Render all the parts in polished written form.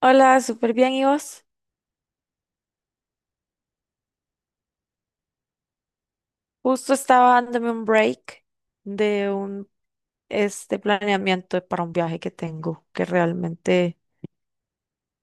Hola, súper bien, ¿y vos? Justo estaba dándome un break de un planeamiento para un viaje que tengo, que realmente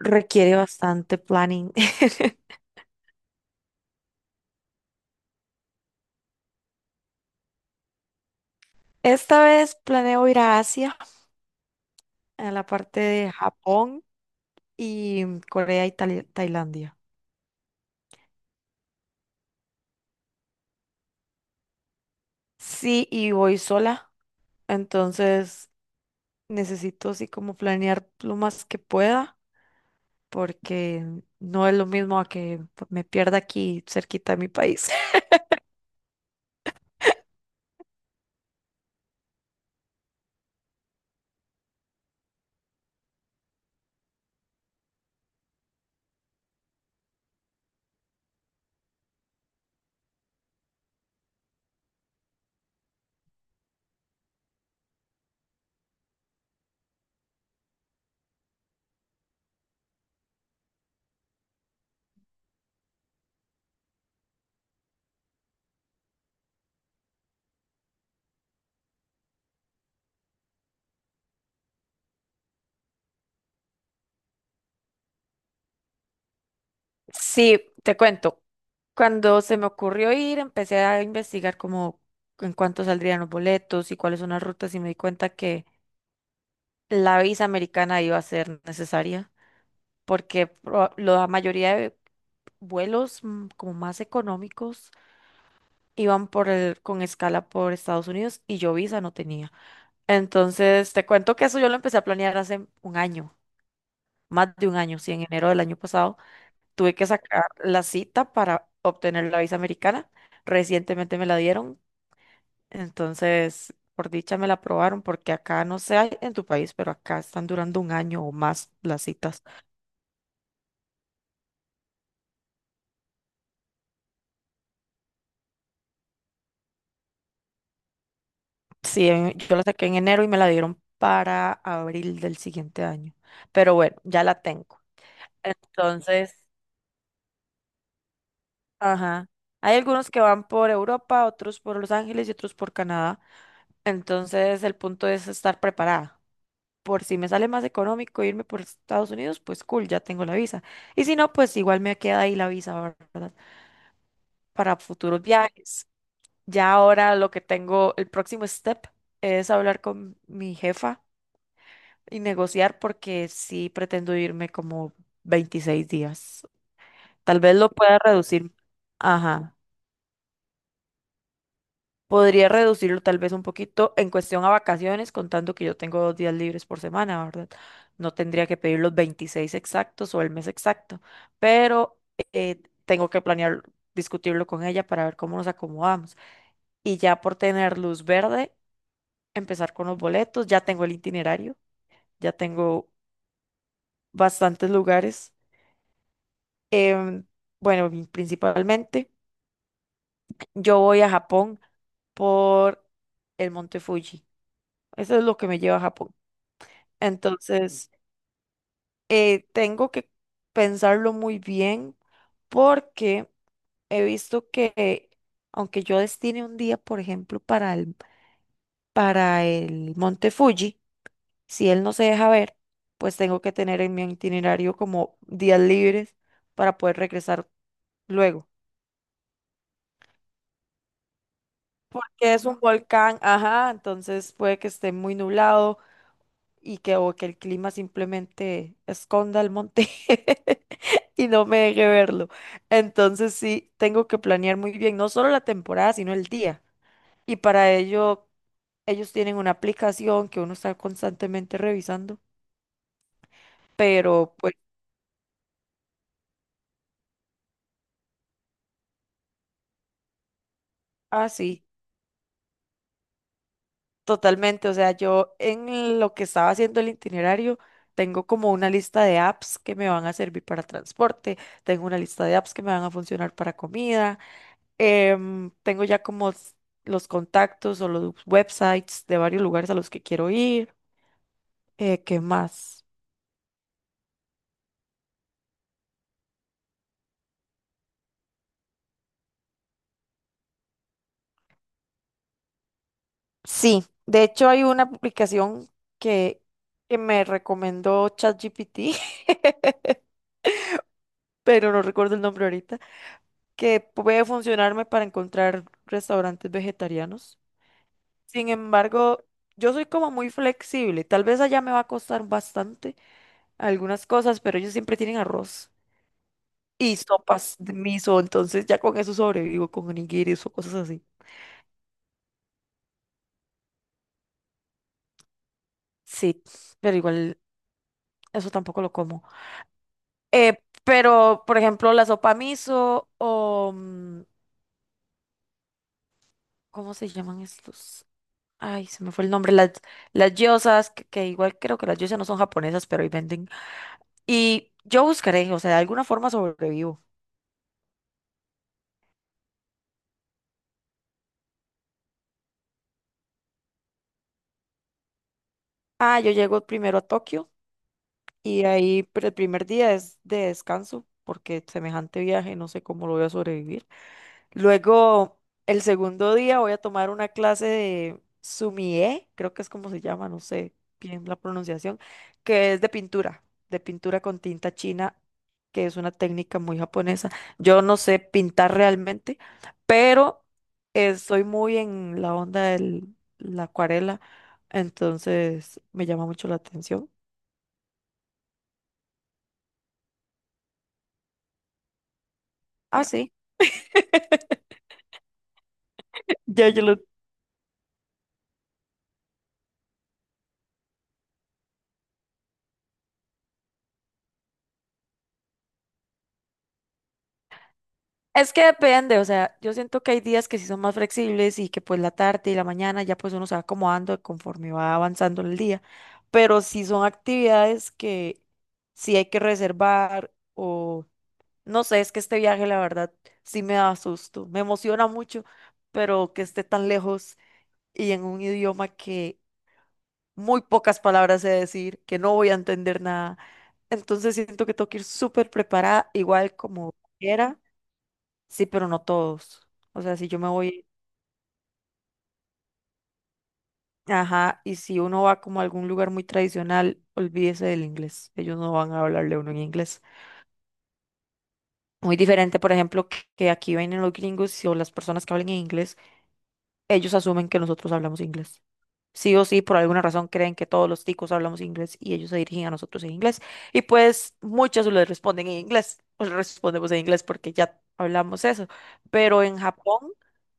requiere bastante planning. Esta vez planeo ir a Asia, a la parte de Japón y Corea y Tailandia. Sí, y voy sola, entonces necesito así como planear lo más que pueda, porque no es lo mismo a que me pierda aquí cerquita de mi país. Sí, te cuento. Cuando se me ocurrió ir, empecé a investigar como en cuánto saldrían los boletos y cuáles son las rutas y me di cuenta que la visa americana iba a ser necesaria porque la mayoría de vuelos como más económicos iban con escala por Estados Unidos y yo visa no tenía. Entonces, te cuento que eso yo lo empecé a planear hace un año, más de un año, sí, en enero del año pasado. Tuve que sacar la cita para obtener la visa americana. Recientemente me la dieron, entonces por dicha me la aprobaron porque acá no sé hay en tu país, pero acá están durando un año o más las citas. Sí, en- yo la saqué en enero y me la dieron para abril del siguiente año. Pero bueno, ya la tengo. Entonces, ajá. Hay algunos que van por Europa, otros por Los Ángeles y otros por Canadá. Entonces, el punto es estar preparada, por si me sale más económico irme por Estados Unidos, pues cool, ya tengo la visa. Y si no, pues igual me queda ahí la visa, ¿verdad? Para futuros viajes. Ya ahora lo que tengo, el próximo step es hablar con mi jefa y negociar porque sí pretendo irme como 26 días. Tal vez lo pueda reducir. Ajá. Podría reducirlo tal vez un poquito en cuestión a vacaciones, contando que yo tengo 2 días libres por semana, ¿verdad? No tendría que pedir los 26 exactos o el mes exacto, pero tengo que planear, discutirlo con ella para ver cómo nos acomodamos. Y ya por tener luz verde, empezar con los boletos, ya tengo el itinerario, ya tengo bastantes lugares. Em, bueno, principalmente yo voy a Japón por el Monte Fuji. Eso es lo que me lleva a Japón. Entonces, tengo que pensarlo muy bien porque he visto que aunque yo destine un día, por ejemplo, para el Monte Fuji, si él no se deja ver, pues tengo que tener en mi itinerario como días libres para poder regresar luego. Que es un volcán, ajá, entonces puede que esté muy nublado y que, o que el clima simplemente esconda el monte y no me deje verlo. Entonces sí, tengo que planear muy bien, no solo la temporada, sino el día. Y para ello, ellos tienen una aplicación que uno está constantemente revisando, pero pues así, totalmente. O sea, yo en lo que estaba haciendo el itinerario, tengo como una lista de apps que me van a servir para transporte, tengo una lista de apps que me van a funcionar para comida. Tengo ya como los contactos o los websites de varios lugares a los que quiero ir. ¿Qué más? Sí, de hecho hay una aplicación que, que me recomendó ChatGPT, pero no recuerdo el nombre ahorita, que puede funcionarme para encontrar restaurantes vegetarianos. Sin embargo, yo soy como muy flexible. Tal vez allá me va a costar bastante algunas cosas, pero ellos siempre tienen arroz y sopas de miso, entonces ya con eso sobrevivo, con onigiris o cosas así. Sí, pero igual eso tampoco lo como. Pero, por ejemplo, la sopa miso o ¿cómo se llaman estos? Ay, se me fue el nombre. Las gyozas, que igual creo que las gyozas no son japonesas, pero ahí venden. Y yo buscaré, o sea, de alguna forma sobrevivo. Ah, yo llego primero a Tokio y ahí pero el primer día es de descanso porque semejante viaje no sé cómo lo voy a sobrevivir. Luego, el segundo día voy a tomar una clase de sumie, creo que es como se llama, no sé bien la pronunciación, que es de pintura con tinta china, que es una técnica muy japonesa. Yo no sé pintar realmente, pero estoy muy en la onda de la acuarela, entonces me llama mucho la atención. Ah, sí, ya yo lo. Es que depende, o sea, yo siento que hay días que sí son más flexibles y que pues la tarde y la mañana ya pues uno se va acomodando conforme va avanzando el día, pero sí son actividades que sí hay que reservar o no sé, es que este viaje la verdad sí me da susto, me emociona mucho, pero que esté tan lejos y en un idioma que muy pocas palabras sé decir, que no voy a entender nada, entonces siento que tengo que ir súper preparada, igual como quiera. Sí, pero no todos. O sea, si yo me voy, ajá, y si uno va como a algún lugar muy tradicional, olvídese del inglés. Ellos no van a hablarle a uno en inglés. Muy diferente, por ejemplo, que aquí vienen los gringos y- o las personas que hablan en inglés, ellos asumen que nosotros hablamos inglés. Sí o sí, por alguna razón creen que todos los ticos hablamos inglés y ellos se dirigen a nosotros en inglés. Y pues muchos les responden en inglés, o les respondemos en inglés porque ya hablamos eso. Pero en Japón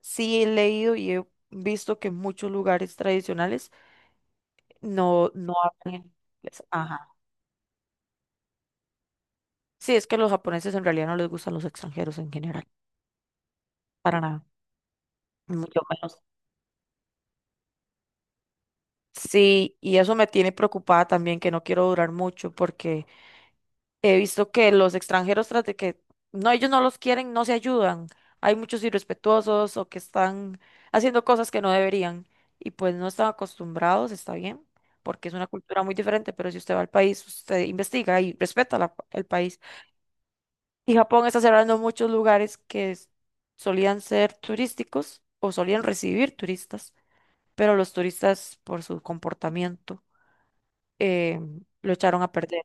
sí he leído y he visto que en muchos lugares tradicionales no hablan en inglés. Ajá. Sí, es que los japoneses en realidad no les gustan los extranjeros en general, para nada, mucho menos. Sí, y eso me tiene preocupada también, que no quiero durar mucho porque he visto que los extranjeros, tras de que no, ellos no los quieren, no se ayudan. Hay muchos irrespetuosos o que están haciendo cosas que no deberían y pues no están acostumbrados, está bien, porque es una cultura muy diferente, pero si usted va al país, usted investiga y respeta el país. Y Japón está cerrando muchos lugares que solían ser turísticos o solían recibir turistas, pero los turistas por su comportamiento eh, lo echaron a perder.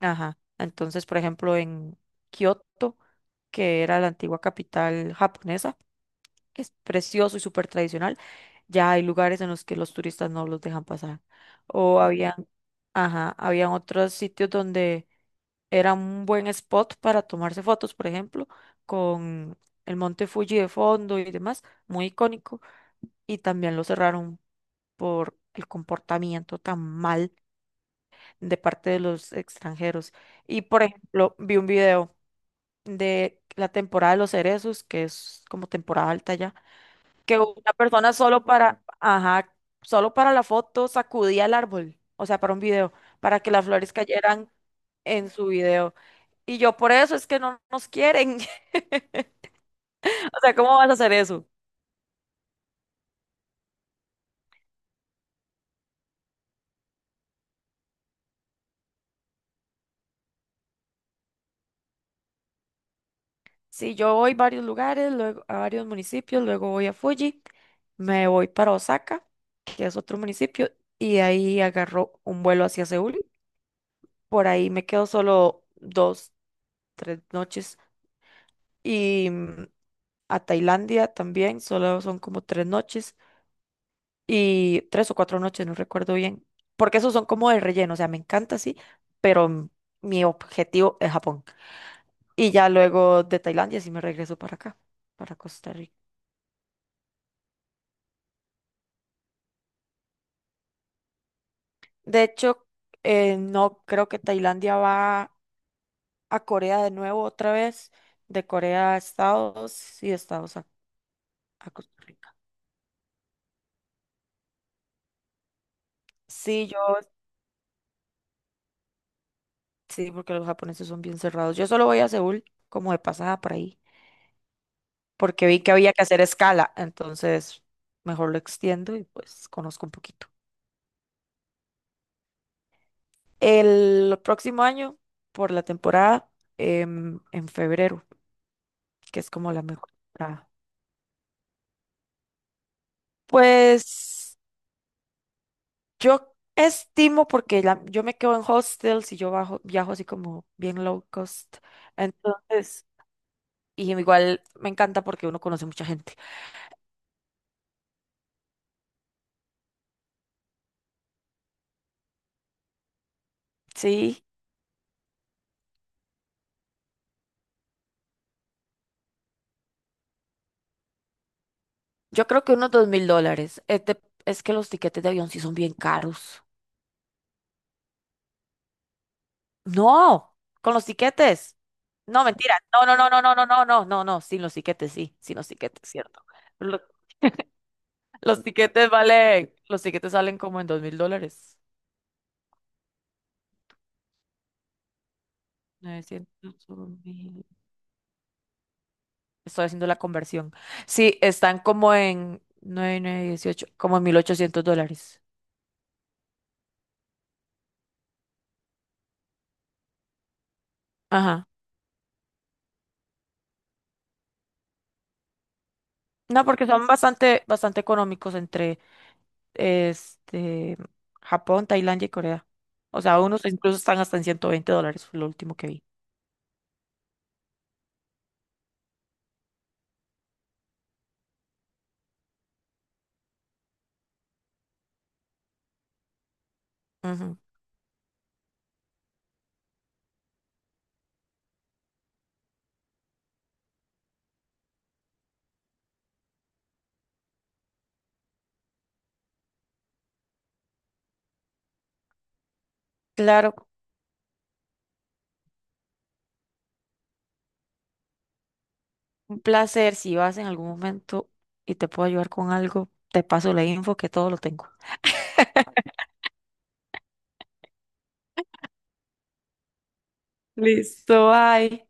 Ajá. Entonces, por ejemplo, en Kioto, que era la antigua capital japonesa, que es precioso y súper tradicional, ya hay lugares en los que los turistas no los dejan pasar. O habían, ajá, habían otros sitios donde era un buen spot para tomarse fotos, por ejemplo, con el monte Fuji de fondo y demás, muy icónico, y también lo cerraron por el comportamiento tan mal de parte de los extranjeros. Y, por ejemplo, vi un video de la temporada de los cerezos, que es como temporada alta ya, que una persona solo para, ajá, solo para la foto sacudía el árbol, o sea, para un video, para que las flores cayeran en su video. Y yo por eso es que no nos quieren. O sea, ¿cómo vas a hacer eso? Si yo voy a varios lugares, luego a varios municipios, luego voy a Fuji, me voy para Osaka, que es otro municipio, y de ahí agarro un vuelo hacia Seúl. Por ahí me quedo solo dos, 3 noches y a Tailandia también, solo son como 3 noches y 3 o 4 noches, no recuerdo bien, porque esos son como de relleno, o sea, me encanta, sí, pero mi objetivo es Japón. Y ya luego de Tailandia sí me regreso para acá, para Costa Rica. De hecho, no creo que Tailandia va a Corea de nuevo otra vez, de Corea a Estados y de Estados a Costa Rica. Sí, yo, sí, porque los japoneses son bien cerrados. Yo solo voy a Seúl como de pasada por ahí porque vi que había que hacer escala, entonces mejor lo extiendo y pues conozco un poquito. El próximo año, por la temporada, en febrero, que es como la mejor temporada. Pues yo estimo, porque yo me quedo en hostels y yo bajo, viajo así como bien low cost, entonces, y igual me encanta porque uno conoce mucha gente. Sí, yo creo que unos 2.000 dólares. Es que los tiquetes de avión sí son bien caros. No, con los tiquetes. No, mentira. No, no, no, no, no, no, no, no, no, no, sin los tiquetes, sí, sin los tiquetes, cierto. Lo- Los tiquetes valen, los tiquetes salen como en 2.000 dólares. 900 un mil. Estoy haciendo la conversión. Sí, están como en 9 9, 18, como en 1.800 dólares. Ajá. No, porque son bastante, bastante económicos entre este Japón, Tailandia y Corea. O sea, unos incluso están hasta en 120 dólares, fue lo último que vi. Ujú. Claro, un placer. Si vas en algún momento y te puedo ayudar con algo, te paso la info que todo lo tengo. Listo, bye.